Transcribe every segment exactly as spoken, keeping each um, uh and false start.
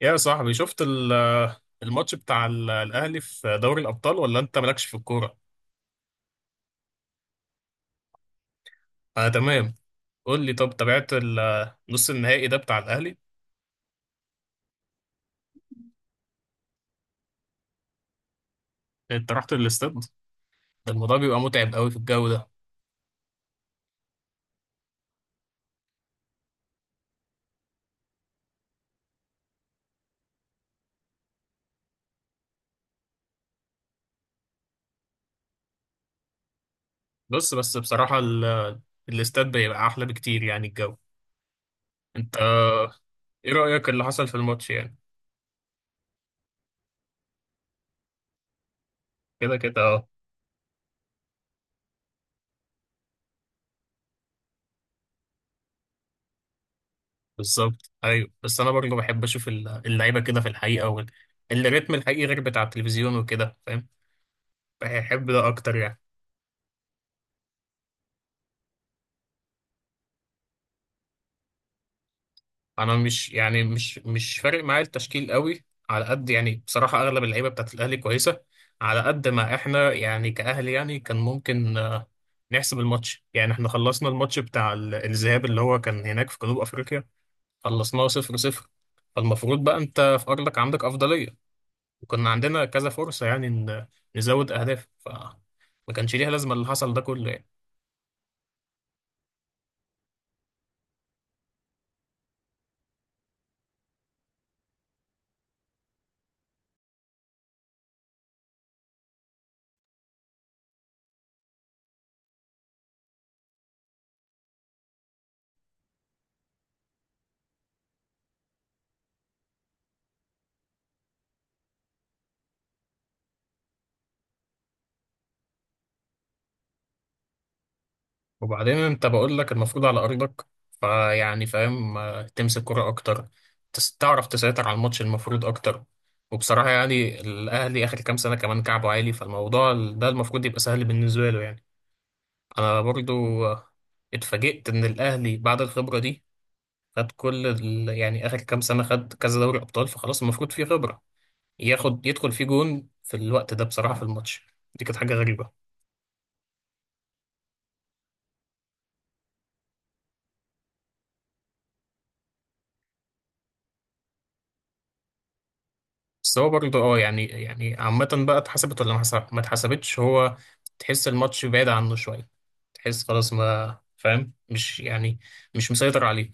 يا صاحبي شفت ال- الماتش بتاع ال- الأهلي في دوري الأبطال ولا أنت مالكش في الكورة؟ أنا تمام. قول لي، طب تابعت ال- نص النهائي ده بتاع الأهلي؟ أنت رحت للاستاد؟ ده الموضوع بيبقى متعب قوي في الجو ده. بص بس بصراحة، ال- الاستاد بيبقى أحلى بكتير يعني الجو. أنت، إيه رأيك اللي حصل في الماتش يعني؟ كده كده أه. بالظبط أيوه، بس أنا برضه بحب أشوف ال- اللعيبة كده في الحقيقة وال- الريتم الحقيقي غير بتاع التلفزيون وكده، فاهم؟ بحب ده أكتر يعني. انا مش يعني مش مش فارق معايا التشكيل قوي على قد يعني، بصراحه اغلب اللعيبه بتاعت الاهلي كويسه. على قد ما احنا يعني كاهلي يعني كان ممكن آه، نحسب الماتش. يعني احنا خلصنا الماتش بتاع ال- الذهاب اللي هو كان هناك في جنوب افريقيا، خلصناه صفر صفر. فالمفروض بقى انت في ارضك عندك افضليه، وكنا عندنا كذا فرصه يعني ان نزود اهداف. ف ما كانش ليها لازمه اللي حصل ده كله يعني. وبعدين انت، بقول لك المفروض على ارضك، فيعني فاهم، آه، تمسك كرة اكتر، تس- تعرف تسيطر على الماتش المفروض اكتر. وبصراحة يعني الاهلي اخر كام سنة كمان كعبه عالي، فالموضوع ده المفروض يبقى سهل بالنسبة له يعني. انا برضو آه، اتفاجئت ان الاهلي بعد الخبرة دي خد كل ال... يعني اخر كام سنة خد كذا دوري ابطال، فخلاص المفروض فيه خبرة. ياخد يدخل فيه جون في الوقت ده، بصراحة في الماتش دي كانت حاجة غريبة. بس هو برضه اه يعني يعني عامة بقى اتحسبت ولا ما حسب- ما اتحسبتش. هو تحس الماتش بعيد عنه شوية، تحس خلاص ما فاهم مش يعني مش مسيطر عليه.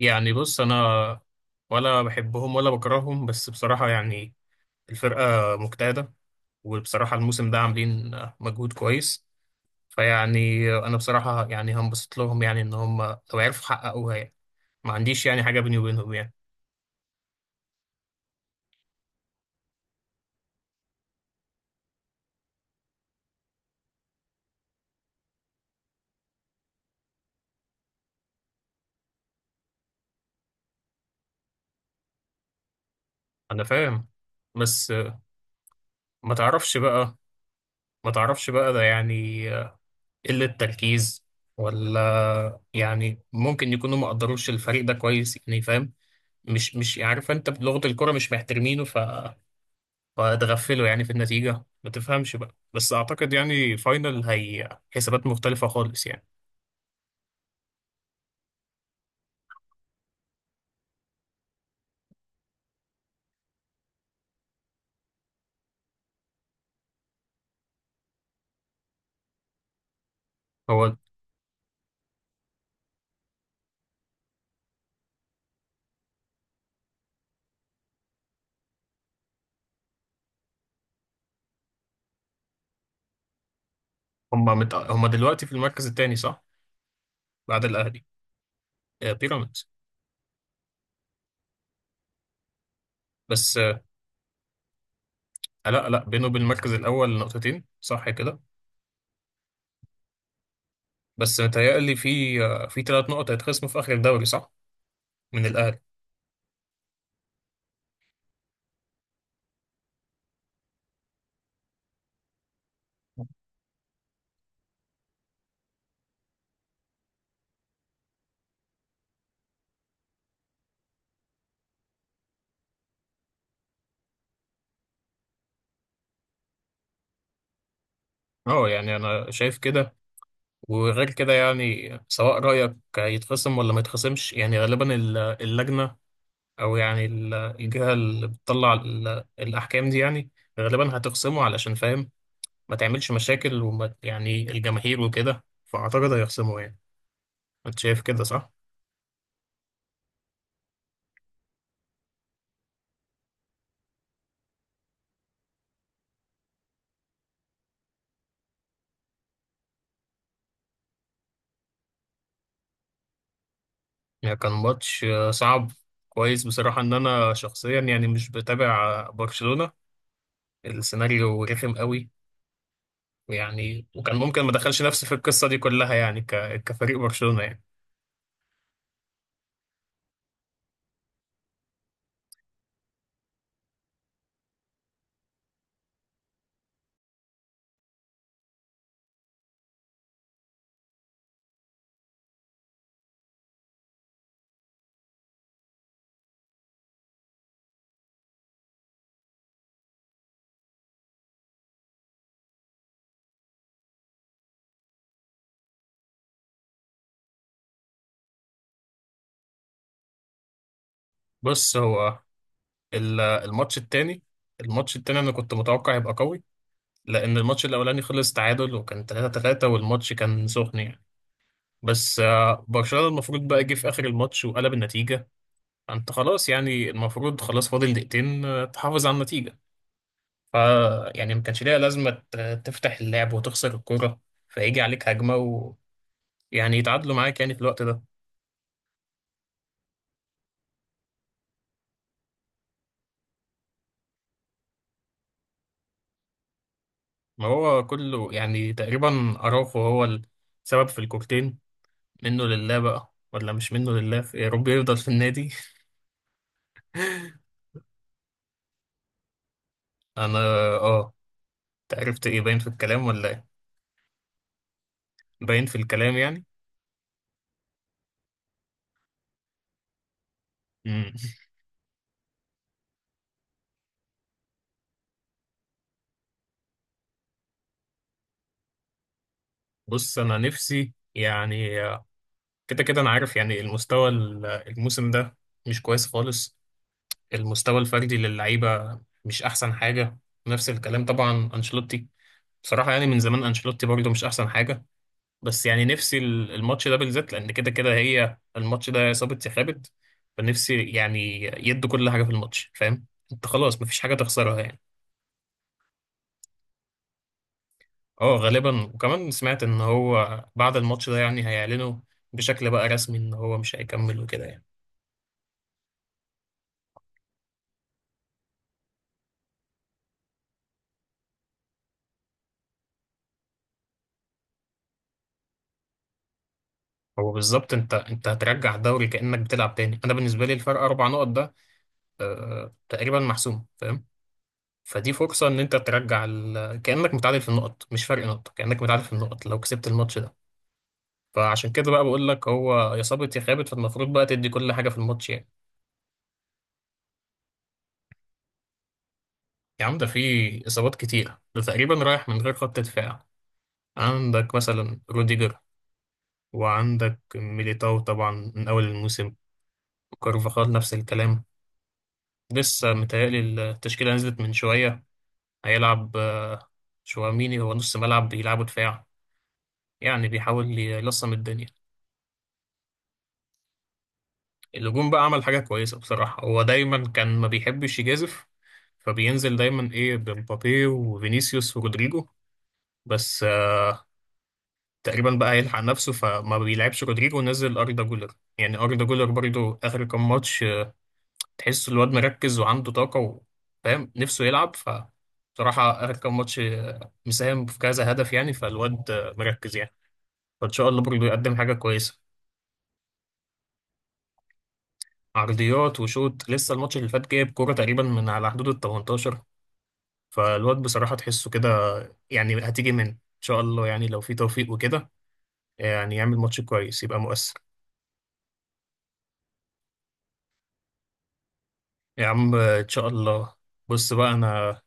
يعني بص، أنا ولا بحبهم ولا بكرههم، بس بصراحة يعني الفرقة مجتهدة، وبصراحة الموسم ده عاملين مجهود كويس. فيعني أنا بصراحة يعني هنبسط لهم يعني إن هم لو عرفوا يحققوها يعني، ما عنديش يعني حاجة بيني وبينهم يعني. أنا فاهم بس. ما تعرفش بقى ما تعرفش بقى ده يعني قلة تركيز، ولا يعني ممكن يكونوا ما قدروش الفريق ده كويس يعني، فاهم؟ مش مش عارف، انت بلغة الكرة مش محترمينه ف... فاتغفلوا يعني في النتيجة. ما تفهمش بقى، بس اعتقد يعني فاينل هي حسابات مختلفة خالص يعني. هو هم مت... هم دلوقتي في المركز الثاني صح؟ بعد الاهلي. آه، بيراميدز. بس آه، لا لا، بينه وبين المركز الاول نقطتين صح كده. بس متهيألي في آه، في ثلاث نقط هيتخصموا في اخر الدوري صح، من الاهلي. اه يعني انا شايف كده. وغير كده يعني سواء رايك يتخصم ولا ما يتخصمش، يعني غالبا ال- اللجنه او يعني ال- الجهه اللي بتطلع ال- الاحكام دي يعني غالبا هتخصمه. علشان فاهم، ما تعملش مشاكل وما يعني الجماهير وكده، فاعتقد هيخصمه يعني. انت شايف كده صح؟ يعني كان ماتش آه، صعب كويس بصراحه. ان انا شخصيا يعني مش بتابع آه، برشلونه، السيناريو رخم قوي يعني، وكان ممكن ما دخلش نفسي في القصة دي كلها يعني، ك... كفريق برشلونة يعني. بص، هو ال- الماتش التاني، الماتش التاني انا كنت متوقع يبقى قوي، لان الماتش الاولاني خلص تعادل وكان تلاتة تلاتة والماتش كان سخن يعني. بس آه، برشلونة المفروض بقى جه في اخر الماتش وقلب النتيجة. انت خلاص يعني المفروض خلاص فاضل دقيقتين آه، تحافظ على النتيجة. ف يعني ما كانش ليها لازمة ت- تفتح اللعب وتخسر الكورة، فيجي عليك هجمة ويعني يتعادلوا معاك يعني في الوقت ده. ما هو كله يعني تقريبا أراوخو هو السبب في الكورتين. منه لله بقى، ولا مش منه لله في- يا رب يفضل في النادي. أنا آه. أنت عرفت إيه؟ باين في الكلام ولا إيه؟ باين في الكلام يعني. مم. بص أنا نفسي يعني آه، كده كده أنا عارف يعني المستوى ال- الموسم ده مش كويس خالص، المستوى الفردي للعيبة مش أحسن حاجة. نفس الكلام طبعا أنشيلوتي، بصراحة يعني من زمان أنشيلوتي برضه مش أحسن حاجة. بس يعني نفسي ال- الماتش ده بالذات، لان كده كده هي الماتش ده يا صابت يا خابت. فنفسي يعني يدوا كل حاجه في الماتش، فاهم؟ انت خلاص مفيش حاجه تخسرها يعني. اه غالبا، وكمان سمعت ان هو بعد الماتش ده يعني هيعلنوا بشكل بقى رسمي ان هو مش هيكمل وكده يعني. هو بالظبط، انت انت هترجع الدوري كانك بتلعب تاني. انا بالنسبه لي الفرق اربع نقط ده آه تقريبا محسوم، فاهم؟ فدي فرصه ان انت ترجع ال... كانك متعادل في النقط، مش فرق نقطه، كانك متعادل في النقط لو كسبت الماتش ده. فعشان كده بقى بقول لك هو يا صابت يا خابت، فالمفروض بقى تدي كل حاجة في الماتش يعني. يا عم ده في إصابات كتير، ده تقريبا رايح من غير خط دفاع. عندك مثلا روديجر، وعندك ميليتاو طبعا من أول الموسم، كارفاخال نفس الكلام. لسه متهيألي التشكيلة نزلت من شوية، هيلعب آه، شواميني. هو نص ملعب بيلعبوا دفاع يعني، بيحاول يلصم الدنيا. الهجوم بقى عمل حاجة كويسة بصراحة، هو دايما كان ما بيحبش يجازف، فبينزل دايما ايه بمبابي وفينيسيوس ورودريجو. بس آه، تقريبا بقى هيلحق نفسه فما بيلعبش رودريجو ونزل أردا جولر. يعني أردا جولر برضو آخر كام ماتش آه، تحس الواد مركز وعنده طاقة و- فاهم نفسه يلعب. ف بصراحة آخر كام ماتش آه، مساهم في كذا هدف يعني، فالواد آه، مركز يعني. فإن شاء الله برضو يقدم حاجة كويسة. عرضيات وشوط، لسه الماتش اللي فات جايب كورة تقريبا من على حدود ال تمنتاشر. فالواد بصراحة تحسه كده يعني، هتيجي منه إن شاء الله يعني، لو في توفيق وكده يعني يعمل ماتش كويس يبقى مؤثر. يا عم إن شاء الله. بص بقى أنا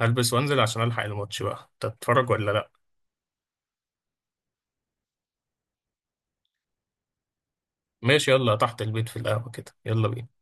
هلبس وأنزل عشان ألحق الماتش بقى. أنت تتفرج ولا لأ؟ ماشي، يلا تحت البيت في القهوة كده، يلا بينا.